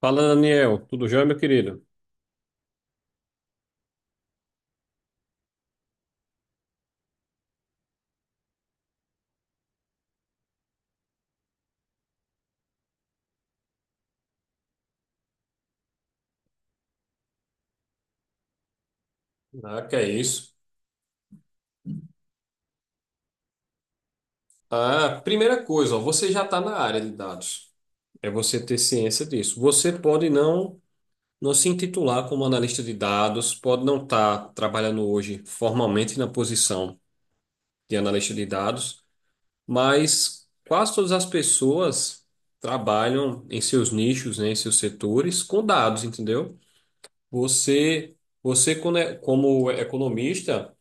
Fala, Daniel. Tudo jóia, meu querido? Ah, que é isso. Ah, primeira coisa, ó, você já está na área de dados. É você ter ciência disso. Você pode não se intitular como analista de dados, pode não estar trabalhando hoje formalmente na posição de analista de dados, mas quase todas as pessoas trabalham em seus nichos, né, em seus setores com dados, entendeu? Você, você como economista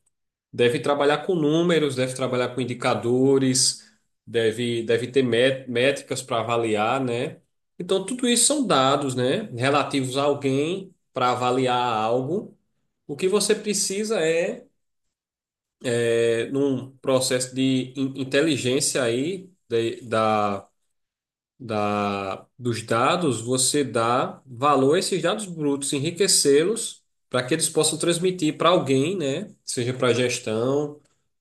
deve trabalhar com números, deve trabalhar com indicadores, deve ter métricas para avaliar, né? Então, tudo isso são dados, né? Relativos a alguém para avaliar algo. O que você precisa é, é, num processo de inteligência aí, da, dos dados, você dá valor a esses dados brutos, enriquecê-los para que eles possam transmitir para alguém, né? Seja para a gestão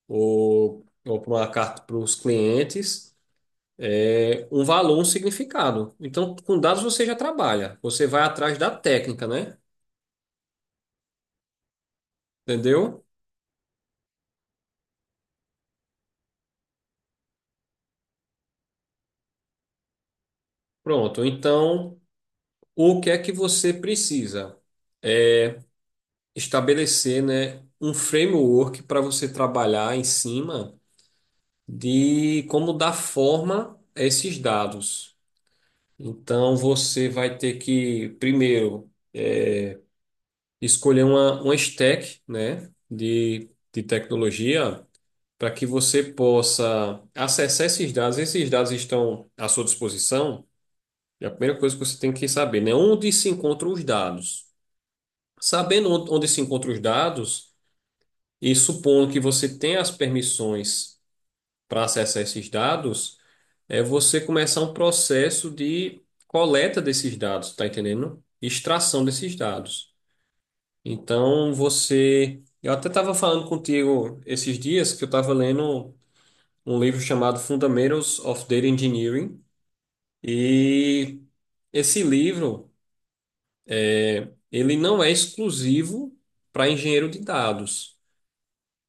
ou para uma carta para os clientes, é, um valor, um significado. Então, com dados você já trabalha, você vai atrás da técnica, né? Entendeu? Pronto. Então, o que é que você precisa? Estabelecer, né, um framework para você trabalhar em cima de como dar forma a esses dados. Então, você vai ter que, primeiro, escolher uma stack, né, de tecnologia para que você possa acessar esses dados. Esses dados estão à sua disposição. É a primeira coisa que você tem que saber, né? Onde se encontram os dados. Sabendo onde se encontram os dados, e supondo que você tenha as permissões para acessar esses dados é você começar um processo de coleta desses dados, tá entendendo? Extração desses dados. Então você. Eu até estava falando contigo esses dias que eu estava lendo um livro chamado Fundamentals of Data Engineering. E esse livro, ele não é exclusivo para engenheiro de dados.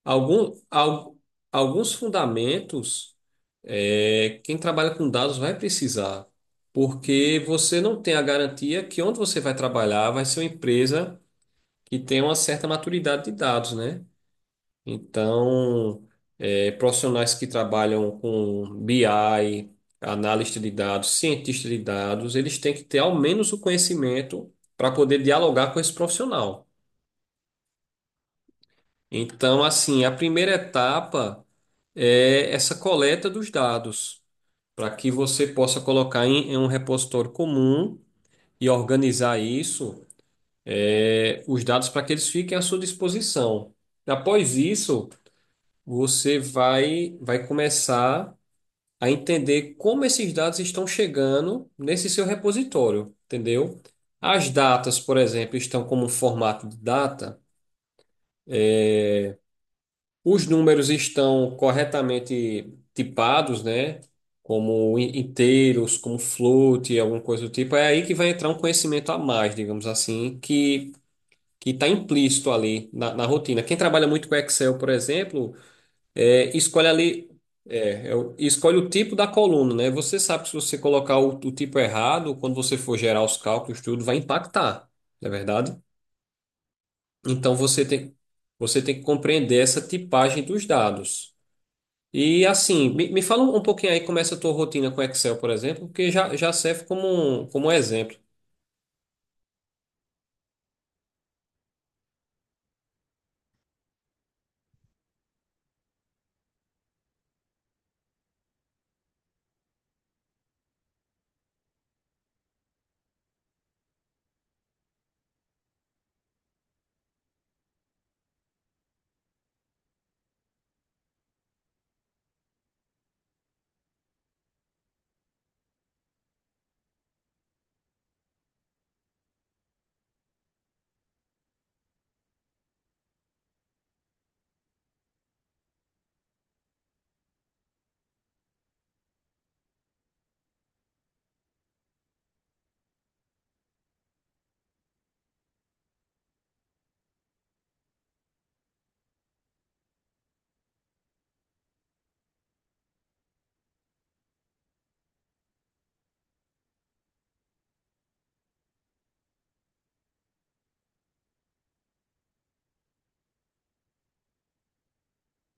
Algum, al- Alguns fundamentos, é, quem trabalha com dados vai precisar, porque você não tem a garantia que onde você vai trabalhar vai ser uma empresa que tem uma certa maturidade de dados, né? Então, é, profissionais que trabalham com BI, analista de dados, cientista de dados, eles têm que ter ao menos o conhecimento para poder dialogar com esse profissional. Então, assim, a primeira etapa é essa coleta dos dados, para que você possa colocar em um repositório comum e organizar isso, é, os dados para que eles fiquem à sua disposição. Após isso, vai começar a entender como esses dados estão chegando nesse seu repositório, entendeu? As datas, por exemplo, estão como um formato de data. Os números estão corretamente tipados, né? Como inteiros, como float, alguma coisa do tipo. É aí que vai entrar um conhecimento a mais, digamos assim, que está implícito ali na rotina. Quem trabalha muito com Excel, por exemplo, é, escolhe ali, é, escolhe o tipo da coluna, né? Você sabe que se você colocar o tipo errado, quando você for gerar os cálculos, tudo vai impactar, não é verdade? Então você tem, Você tem que compreender essa tipagem dos dados. E assim, me fala um pouquinho aí como é essa tua rotina com Excel, por exemplo, porque já serve como como um exemplo.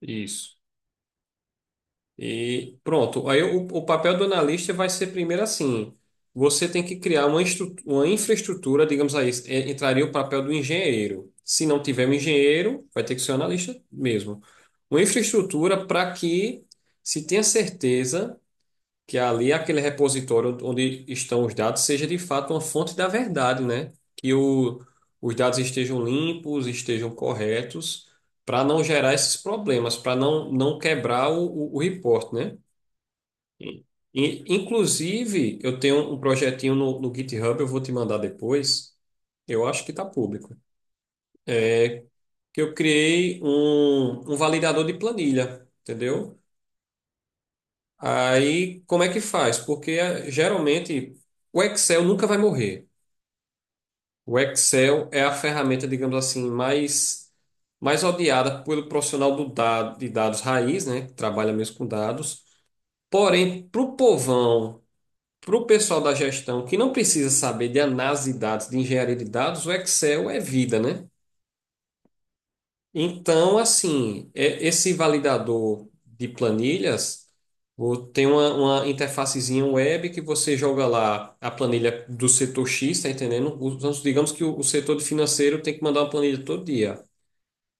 Isso. E pronto. Aí o papel do analista vai ser primeiro assim: você tem que criar uma, uma infraestrutura, digamos aí, é, entraria o papel do engenheiro. Se não tiver um engenheiro, vai ter que ser um analista mesmo. Uma infraestrutura para que se tenha certeza, que é ali aquele repositório onde estão os dados seja de fato uma fonte da verdade, né? Os dados estejam limpos, estejam corretos, para não gerar esses problemas, para não quebrar o report, né? E, e, inclusive, eu tenho um projetinho no GitHub, eu vou te mandar depois, eu acho que está público, é que eu criei um validador de planilha, entendeu? Aí, como é que faz? Porque geralmente o Excel nunca vai morrer. O Excel é a ferramenta, digamos assim, mais odiada pelo profissional do dado, de dados raiz, né? Que trabalha mesmo com dados. Porém, para o povão, para o pessoal da gestão que não precisa saber de análise de dados, de engenharia de dados, o Excel é vida, né? Então, assim, esse validador de planilhas tem uma interfacezinha web que você joga lá a planilha do setor X, tá entendendo? Digamos que o setor de financeiro tem que mandar uma planilha todo dia.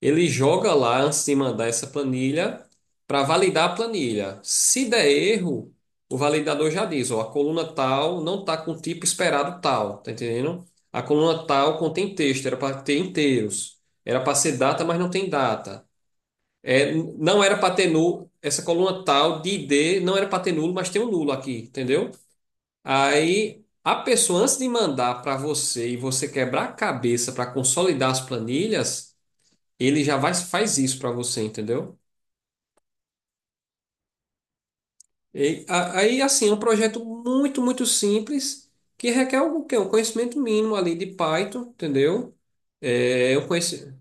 Ele joga lá antes de mandar essa planilha para validar a planilha. Se der erro, o validador já diz, ó, a coluna tal não está com o tipo esperado tal, tá entendendo? A coluna tal contém texto, era para ter inteiros. Era para ser data, mas não tem data. É, não era para ter nulo, essa coluna tal de I D não era para ter nulo, mas tem um nulo aqui, entendeu? Aí a pessoa antes de mandar para você e você quebrar a cabeça para consolidar as planilhas, ele já vai, faz isso para você, entendeu? E, aí, assim, é um projeto muito simples, que requer o quê? Um conhecimento mínimo ali de Python, entendeu? É, eu conheci...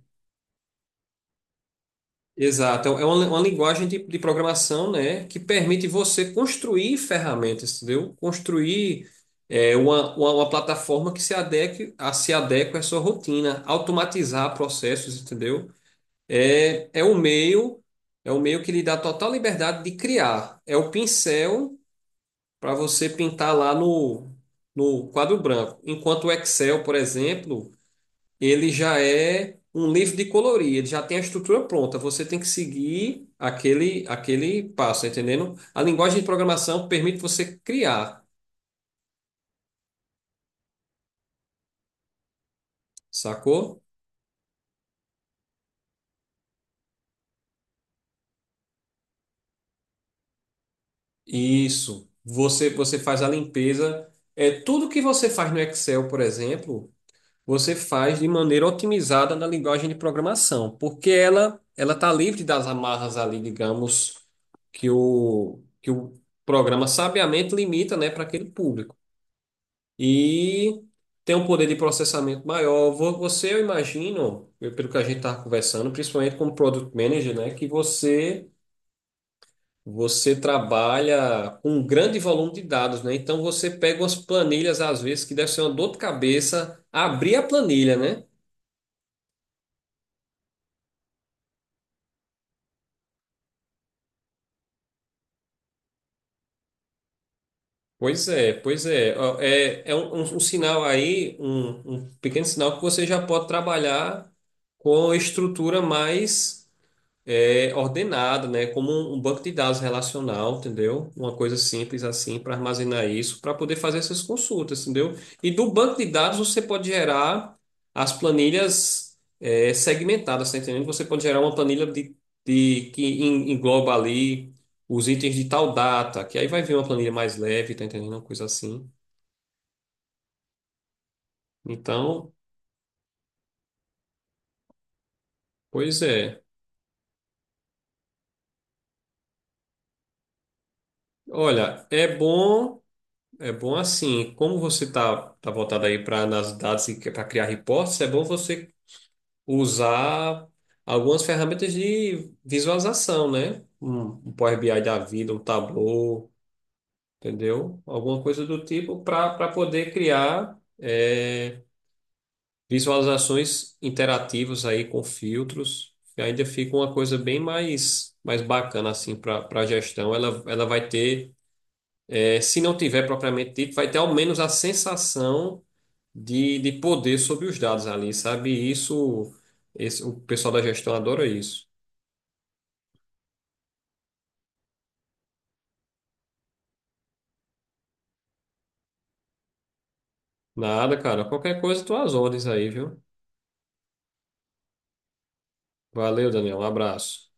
Exato, é uma linguagem de programação, né, que permite você construir ferramentas, entendeu? Construir é, uma plataforma que se adeque, a, se adeque à sua rotina, automatizar processos, entendeu? É, é o meio, é o meio que lhe dá total liberdade de criar. É o pincel para você pintar lá no quadro branco. Enquanto o Excel, por exemplo, ele já é um livro de colorir, ele já tem a estrutura pronta. Você tem que seguir aquele passo, tá entendendo? A linguagem de programação permite você criar, sacou? Isso. Você faz a limpeza. É tudo que você faz no Excel, por exemplo. Você faz de maneira otimizada na linguagem de programação, porque ela está livre das amarras ali, digamos, que o programa sabiamente limita, né, para aquele público. E tem um poder de processamento maior. Vo- Você, eu imagino, eu- Pelo que a gente estava conversando, principalmente como Product Manager, né, que você trabalha com um grande volume de dados, né? Então você pega umas planilhas, às vezes, que deve ser uma dor de cabeça abrir a planilha, né? Pois é, pois é. Ó, é, um sinal aí, um pequeno sinal que você já pode trabalhar com estrutura mais é, ordenada, né? Como um banco de dados relacional, entendeu? Uma coisa simples assim para armazenar isso, para poder fazer essas consultas, entendeu? E do banco de dados você pode gerar as planilhas é, segmentadas, tá entendendo? Você pode gerar uma planilha que engloba ali os itens de tal data, que aí vai vir uma planilha mais leve, tá entendendo? Uma coisa assim. Então, pois é. Olha, é bom. É bom assim, como você tá voltado aí para nas dados e para criar reportes, é bom você usar algumas ferramentas de visualização, né? Um Power BI da vida, um Tableau, entendeu? Alguma coisa do tipo para para poder criar é, visualizações interativas aí com filtros. E ainda fica uma coisa bem mais mais bacana assim para para gestão. Ela vai ter, é, se não tiver propriamente dito, vai ter ao menos a sensação de poder sobre os dados ali, sabe? O pessoal da gestão adora isso. Nada, cara. Qualquer coisa, tuas ordens aí, viu? Valeu, Daniel. Um abraço.